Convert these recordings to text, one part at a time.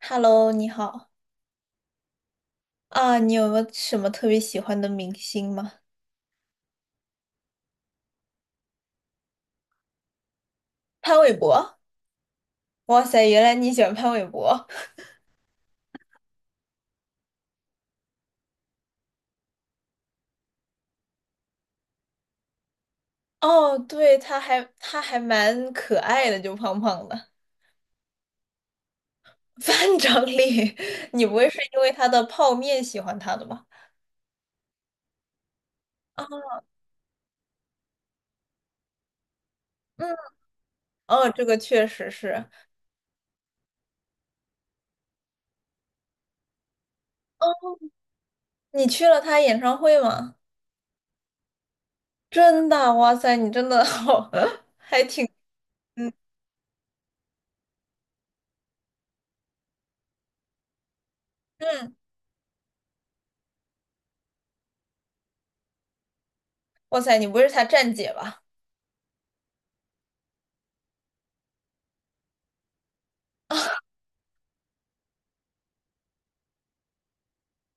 Hello，你好啊，你有没有什么特别喜欢的明星吗？潘玮柏，哇塞，原来你喜欢潘玮柏。哦，对，他还蛮可爱的，就胖胖的。范长丽，你不会是因为他的泡面喜欢他的吧？啊，嗯，哦，这个确实是。你去了他演唱会吗？真的，哇塞，你真的好，还挺，嗯嗯，哇塞，你不会是他站姐吧？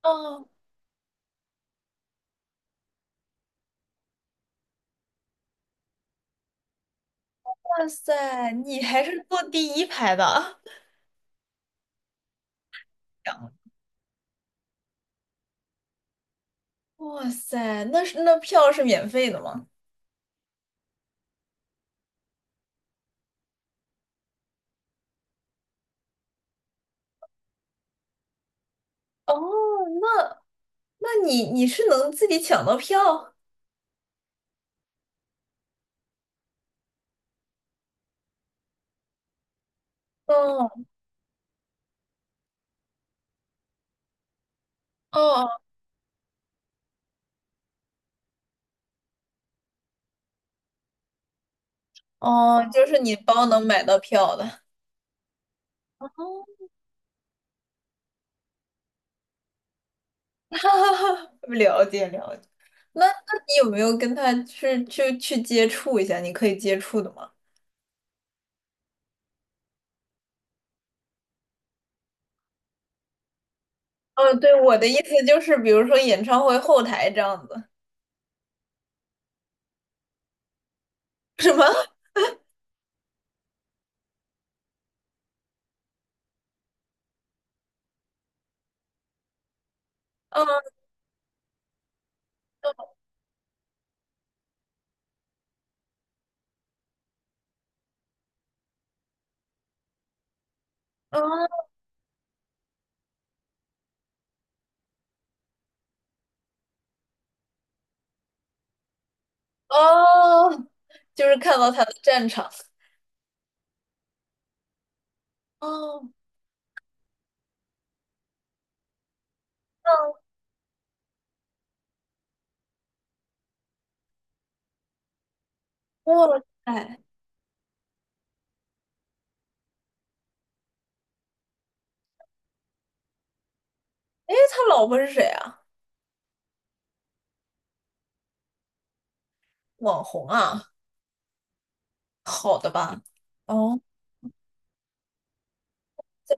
哦，哇塞，你还是坐第一排的。样哇塞，那是那票是免费的吗？哦，那那你是能自己抢到票？哦哦哦，就是你包能买到票的。哦，哈哈哈了解了解。那你有没有跟他去接触一下？你可以接触的吗？哦，对，我的意思就是，比如说演唱会后台这样子，是吗？嗯嗯哦，就是看到他的战场。哦，那哇塞，哎，他老婆是谁啊？网红啊？好的吧？哦，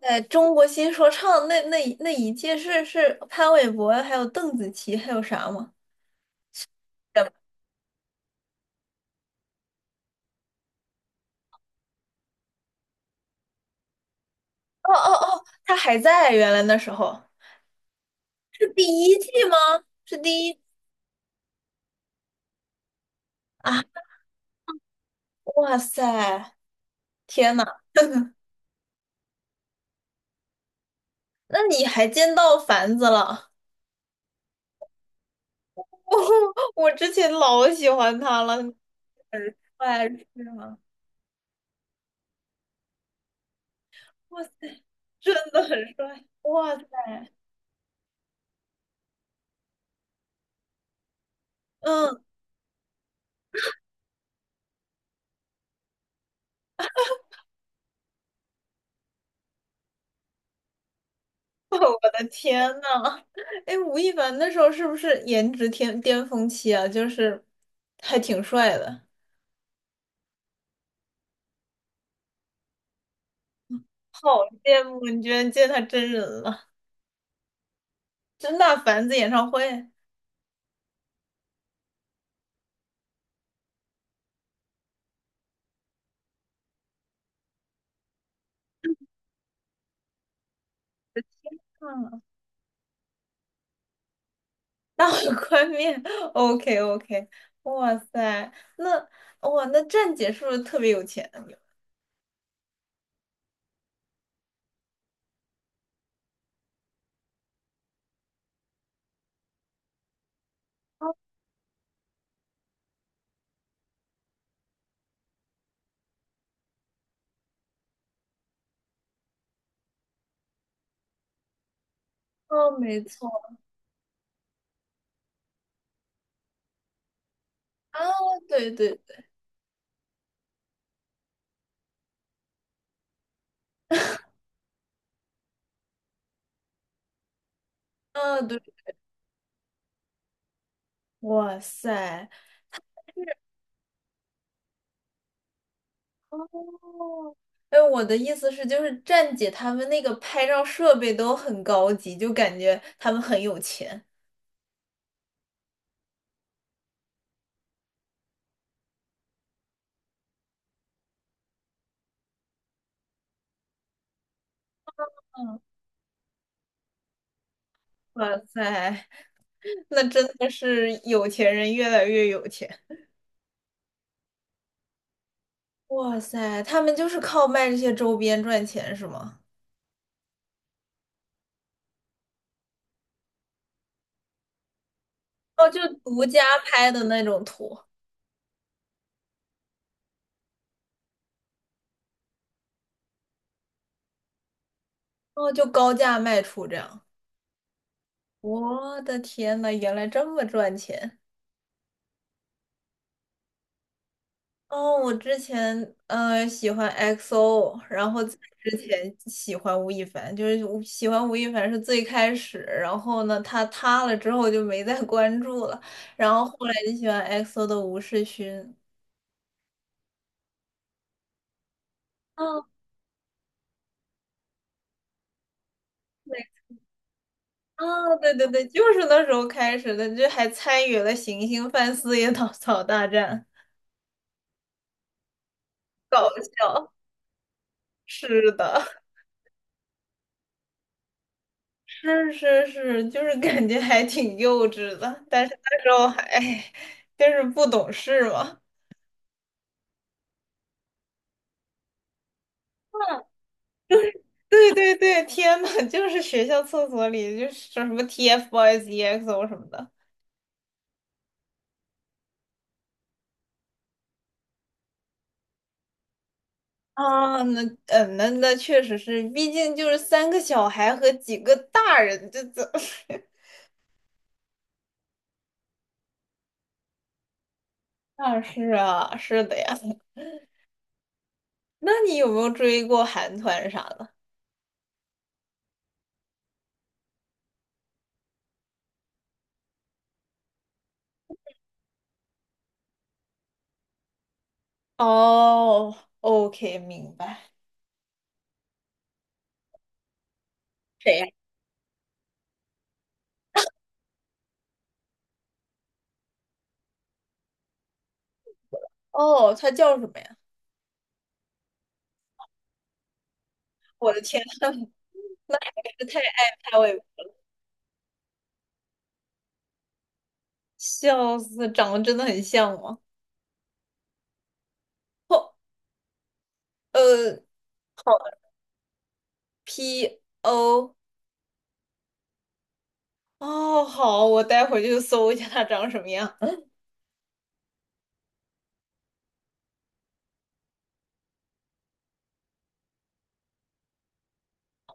在中国新说唱那一届是潘玮柏，还有邓紫棋，还有啥吗？哦哦哦，他还在，原来那时候是第一季吗？是第一啊！哇塞，天呐，那你还见到凡子了？我我之前老喜欢他了，很帅是吗？哇塞，真的很帅，哇塞，嗯。的天呐，哎，吴亦凡那时候是不是颜值天巅峰期啊？就是还挺帅的，好羡慕你居然见他真人了，真大凡子演唱会，嗯，大碗宽面，OK OK，哇塞，那哇那站姐是不是特别有钱？哦，没错啊，对对对，啊对，哇塞，哦，哎，我的意思是，就是站姐他们那个拍照设备都很高级，就感觉他们很有钱。嗯，哇塞，那真的是有钱人越来越有钱。哇塞，他们就是靠卖这些周边赚钱是吗？哦，就独家拍的那种图，哦，就高价卖出这样。我的天呐，原来这么赚钱！哦，我之前喜欢 XO，然后在之前喜欢吴亦凡，就是喜欢吴亦凡是最开始，然后呢他塌了之后就没再关注了，然后后来就喜欢 XO 的吴世勋。哦，对，哦，对对对，就是那时候开始的，就还参与了《行星饭四叶草草大战》，搞笑。是的，是是是，就是感觉还挺幼稚的，但是那时候还，哎就是不懂事嘛。对对对，天呐，就是学校厕所里就是说什么 TFBOYS、EXO 什么的啊，那嗯，那确实是，毕竟就是三个小孩和几个大人，这 啊是啊是的呀。那你有没有追过韩团啥的？哦，OK，明白。谁呀？哦，他叫什么呀？我的天呐，那还是太爱拍我，笑死，长得真的很像吗？哦，P 好，P O。哦，好，我待会儿就搜一下他长什么样。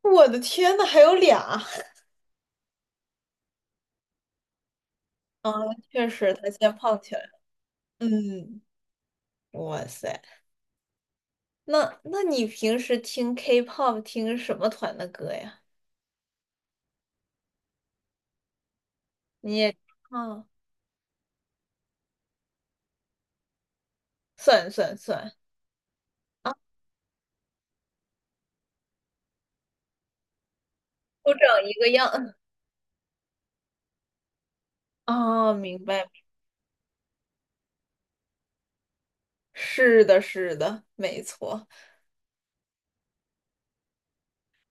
我的天呐，还有俩！啊！确实，他现在胖起来了。嗯，哇塞，那你平时听 K-pop 听什么团的歌呀？你也啊，算算算啊，都长一个样啊 明白。是的，是的，没错。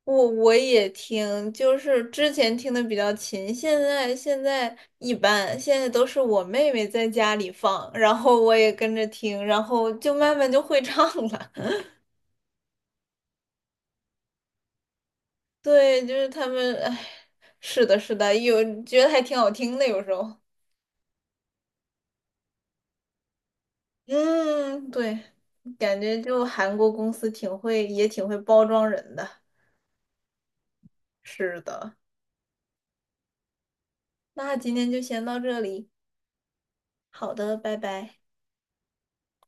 我也听，就是之前听的比较勤，现在一般，现在都是我妹妹在家里放，然后我也跟着听，然后就慢慢就会唱了。对，就是他们，哎，是的，是的，有觉得还挺好听的，有时候。嗯，对，感觉就韩国公司挺会，也挺会包装人的。是的，那今天就先到这里，好的，拜拜。